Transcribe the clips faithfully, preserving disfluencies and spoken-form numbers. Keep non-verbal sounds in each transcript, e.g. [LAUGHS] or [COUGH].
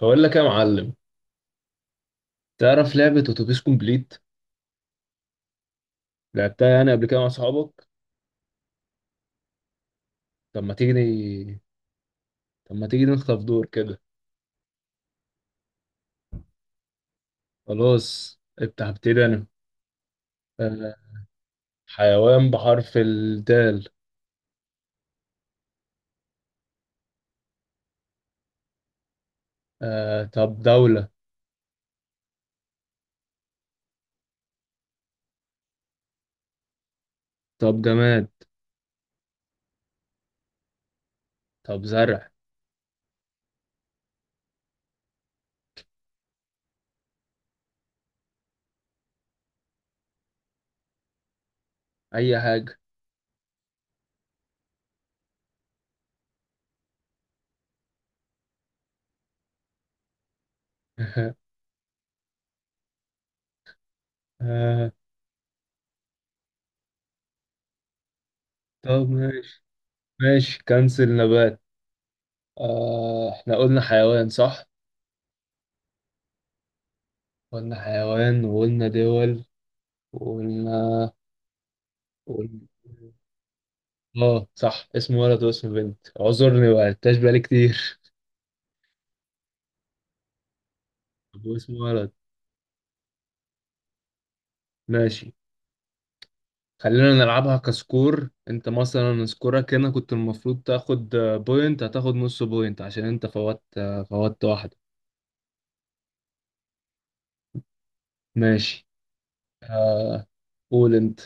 بقول لك يا معلم. تعرف لعبة اتوبيس كومبليت؟ لعبتها يعني قبل كده مع صحابك؟ طب ما تيجي. طب ما تيجي نخطف دور كده. خلاص افتح ابتدي انا. آه، حيوان بحرف الدال. آه، طب دولة. طب جماد. طب زرع. اي حاجة. [LAUGHS] آه، طب ماشي. ماشي كنسل نبات. آه، احنا قلنا حيوان صح؟ قلنا حيوان وقلنا دول وقلنا. اه صح، اسم ولد واسم بنت، اعذرني ما لعبتهاش بقالي كتير. طب واسم ولد. ماشي. خلينا نلعبها كسكور، انت مثلا سكورك هنا كنت المفروض تاخد آه، بوينت، هتاخد نص بوينت عشان انت فوت آه، فوت واحدة. ماشي. آه، قول انت.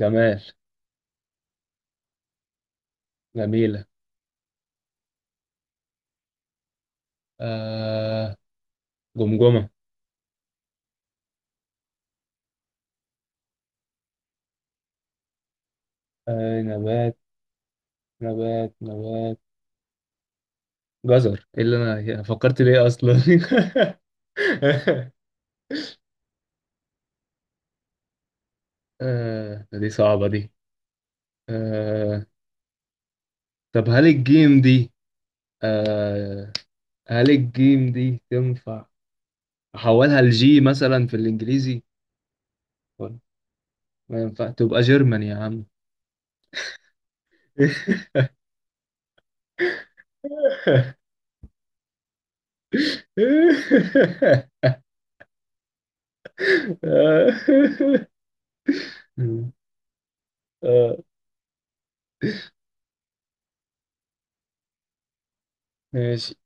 جمال. جميلة. آه. جمجمة. آه نبات. نبات نبات جزر، ايه اللي انا فكرت ليه اصلا؟ [LAUGHS] آه دي صعبة دي. آه. طب هل الجيم دي؟ آه. هل الجيم دي تنفع؟ احولها لجي مثلا في الانجليزي؟ ولا ما ينفع تبقى جيرمان يا عم؟ [LAUGHS] آه، ماشي.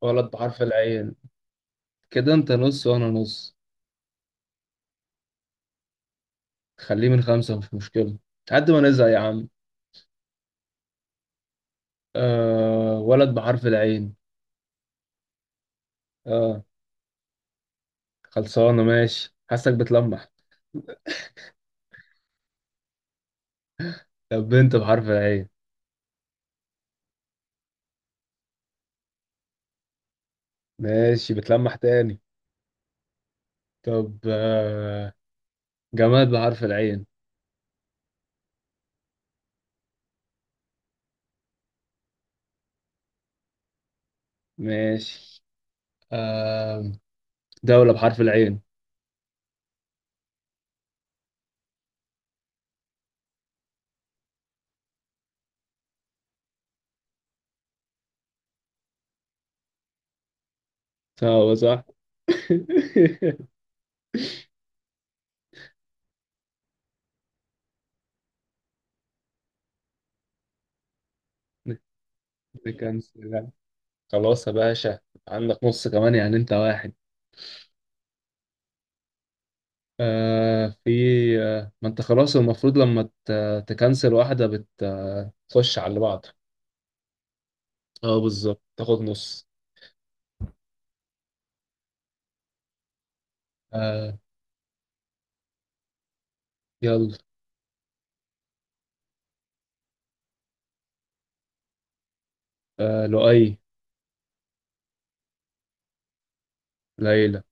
ولد بحرف العين. كده انت نص وانا نص. خليه من خمسة مش مشكلة. لحد ما نزهق يا عم. آه ولد بحرف العين. اه. خلصانة، ماشي، حاسك بتلمح. طب بنت بحرف العين. ماشي، بتلمح تاني. طب آه، جماد بحرف العين. ماشي. آه، دولة بحرف العين. آه، هو صح. [LAUGHS] نكنسل. خلاص يا باشا. عندك نص كمان، يعني انت واحد. آه في. آه، ما انت خلاص المفروض لما ت- تكنسل واحدة بتخش على اللي بعضها. اه بالظبط تاخد نص. آه. يلا. آه لؤي. ليلى.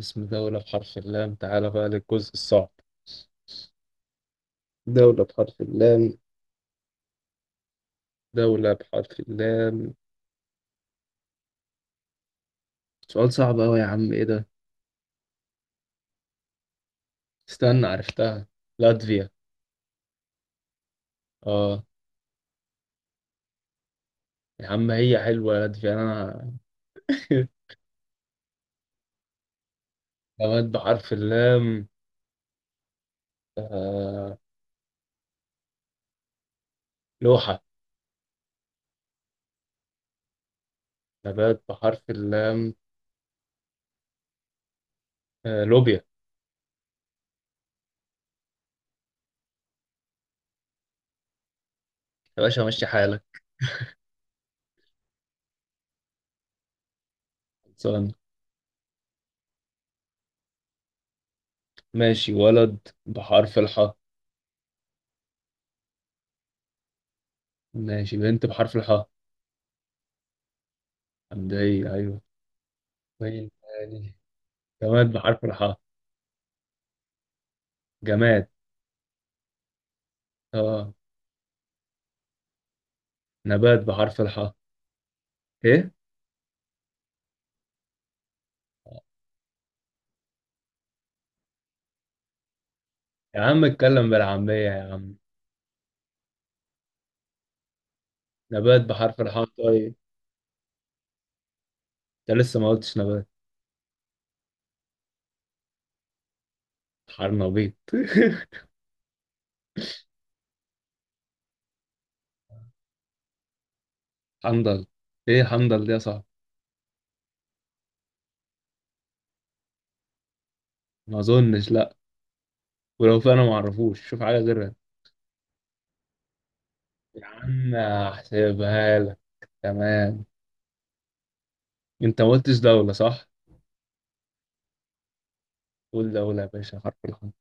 اسم دولة بحرف اللام. تعالى بقى للجزء الصعب. دولة بحرف اللام. دولة بحرف اللام. سؤال صعب أوي يا عم، إيه ده؟ استنى عرفتها. لاتفيا. آه. يا عم هي حلوة لاتفيا أنا. [LAUGHS] نبات بحرف اللام. آه لوحة. نبات بحرف اللام. آه لوبيا. يا باشا ماشي حالك. خلصان. ماشي. ولد بحرف الحاء. ماشي، بنت بحرف الحاء. حمدية، أيوه. مين تاني؟ جماد بحرف الحاء. جماد. آه. نبات بحرف الحاء. إيه؟ يا عم اتكلم بالعامية يا عم. نبات بحرف الحاء طيب. ده لسه ما قلتش نبات. حرنبيط. [LAUGHS] حنظل. ايه حنظل دي يا صاحبي؟ ما اظنش، لا. ولو في انا ما اعرفوش، شوف حاجه غيرها. يا عم هحسبها لك. تمام. انت ما قلتش دوله، صح؟ قول دوله يا باشا، حرف الحرف.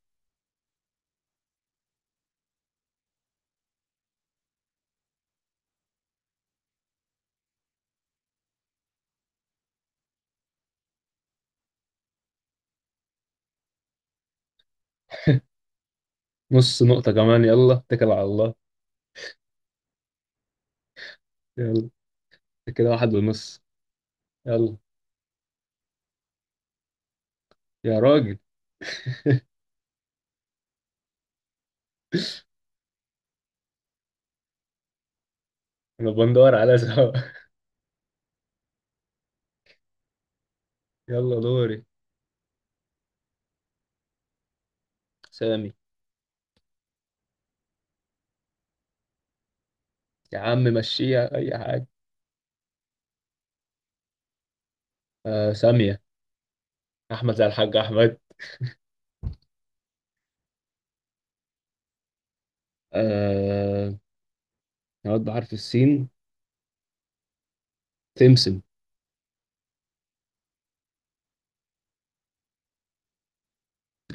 نص نقطه كمان، يلا اتكل على الله. يلا. انت كده واحد ونص. يلا. يا راجل. [LAUGHS] انا بندور على [LAUGHS] سوا. يلا دوري. سامي. يا عم مشيها اي حاجه. آه ساميه. احمد زي الحاج احمد. آه. نقعد بحرف السين. تمسم.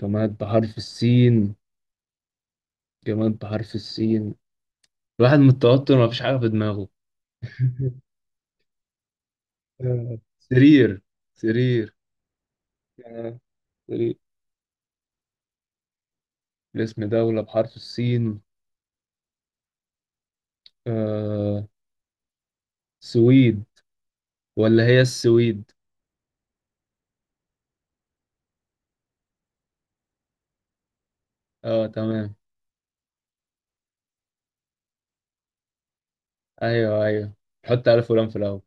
جماد بحرف السين. جماد بحرف السين. الواحد من التوتر مفيش حاجة في دماغه. [LAUGHS] آه، سرير. سرير آه، سرير اسم دولة بحرف السين. آه. سويد. ولا هي السويد. اه تمام. ايوه ايوه. حط على فلان في الاول.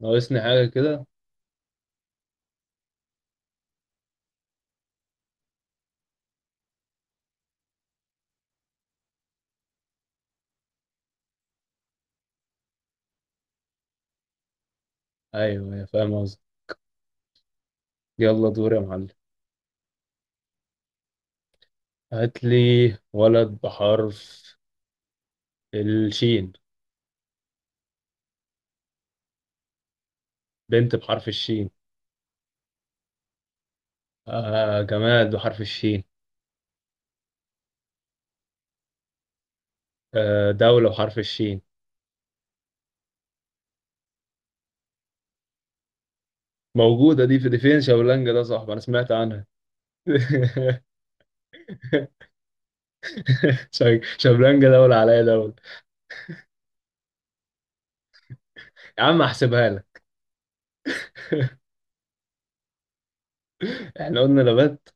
ناقصني حاجة كده. ايوه ايوه، فاهم قصدي. يلا دور يا معلم. هات لي. ولد بحرف الشين. بنت بحرف الشين. آه جماد بحرف الشين. آه، دولة بحرف الشين. موجودة دي؟ في دي فين شابلانجا ده؟ صاحبي أنا سمعت عنها. [LAUGHS] شا- شابلانجا دولة، عليا دولة. يا عم أحسبها لك. إحنا قلنا نبات.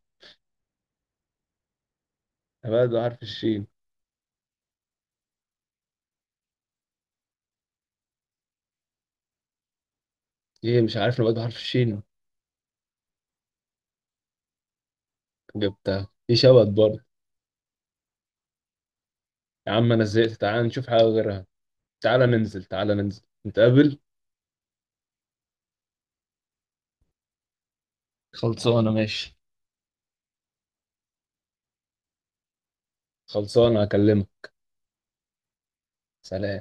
نبات بحرف الشين. إيه مش عارف. نبات بحرف الشين. جبتها في شبت برضه. يا عم أنا زهقت، تعال نشوف حاجة غيرها. تعال ننزل تعال ننزل نتقابل. خلصانة ماشي. خلصانة هكلمك. سلام.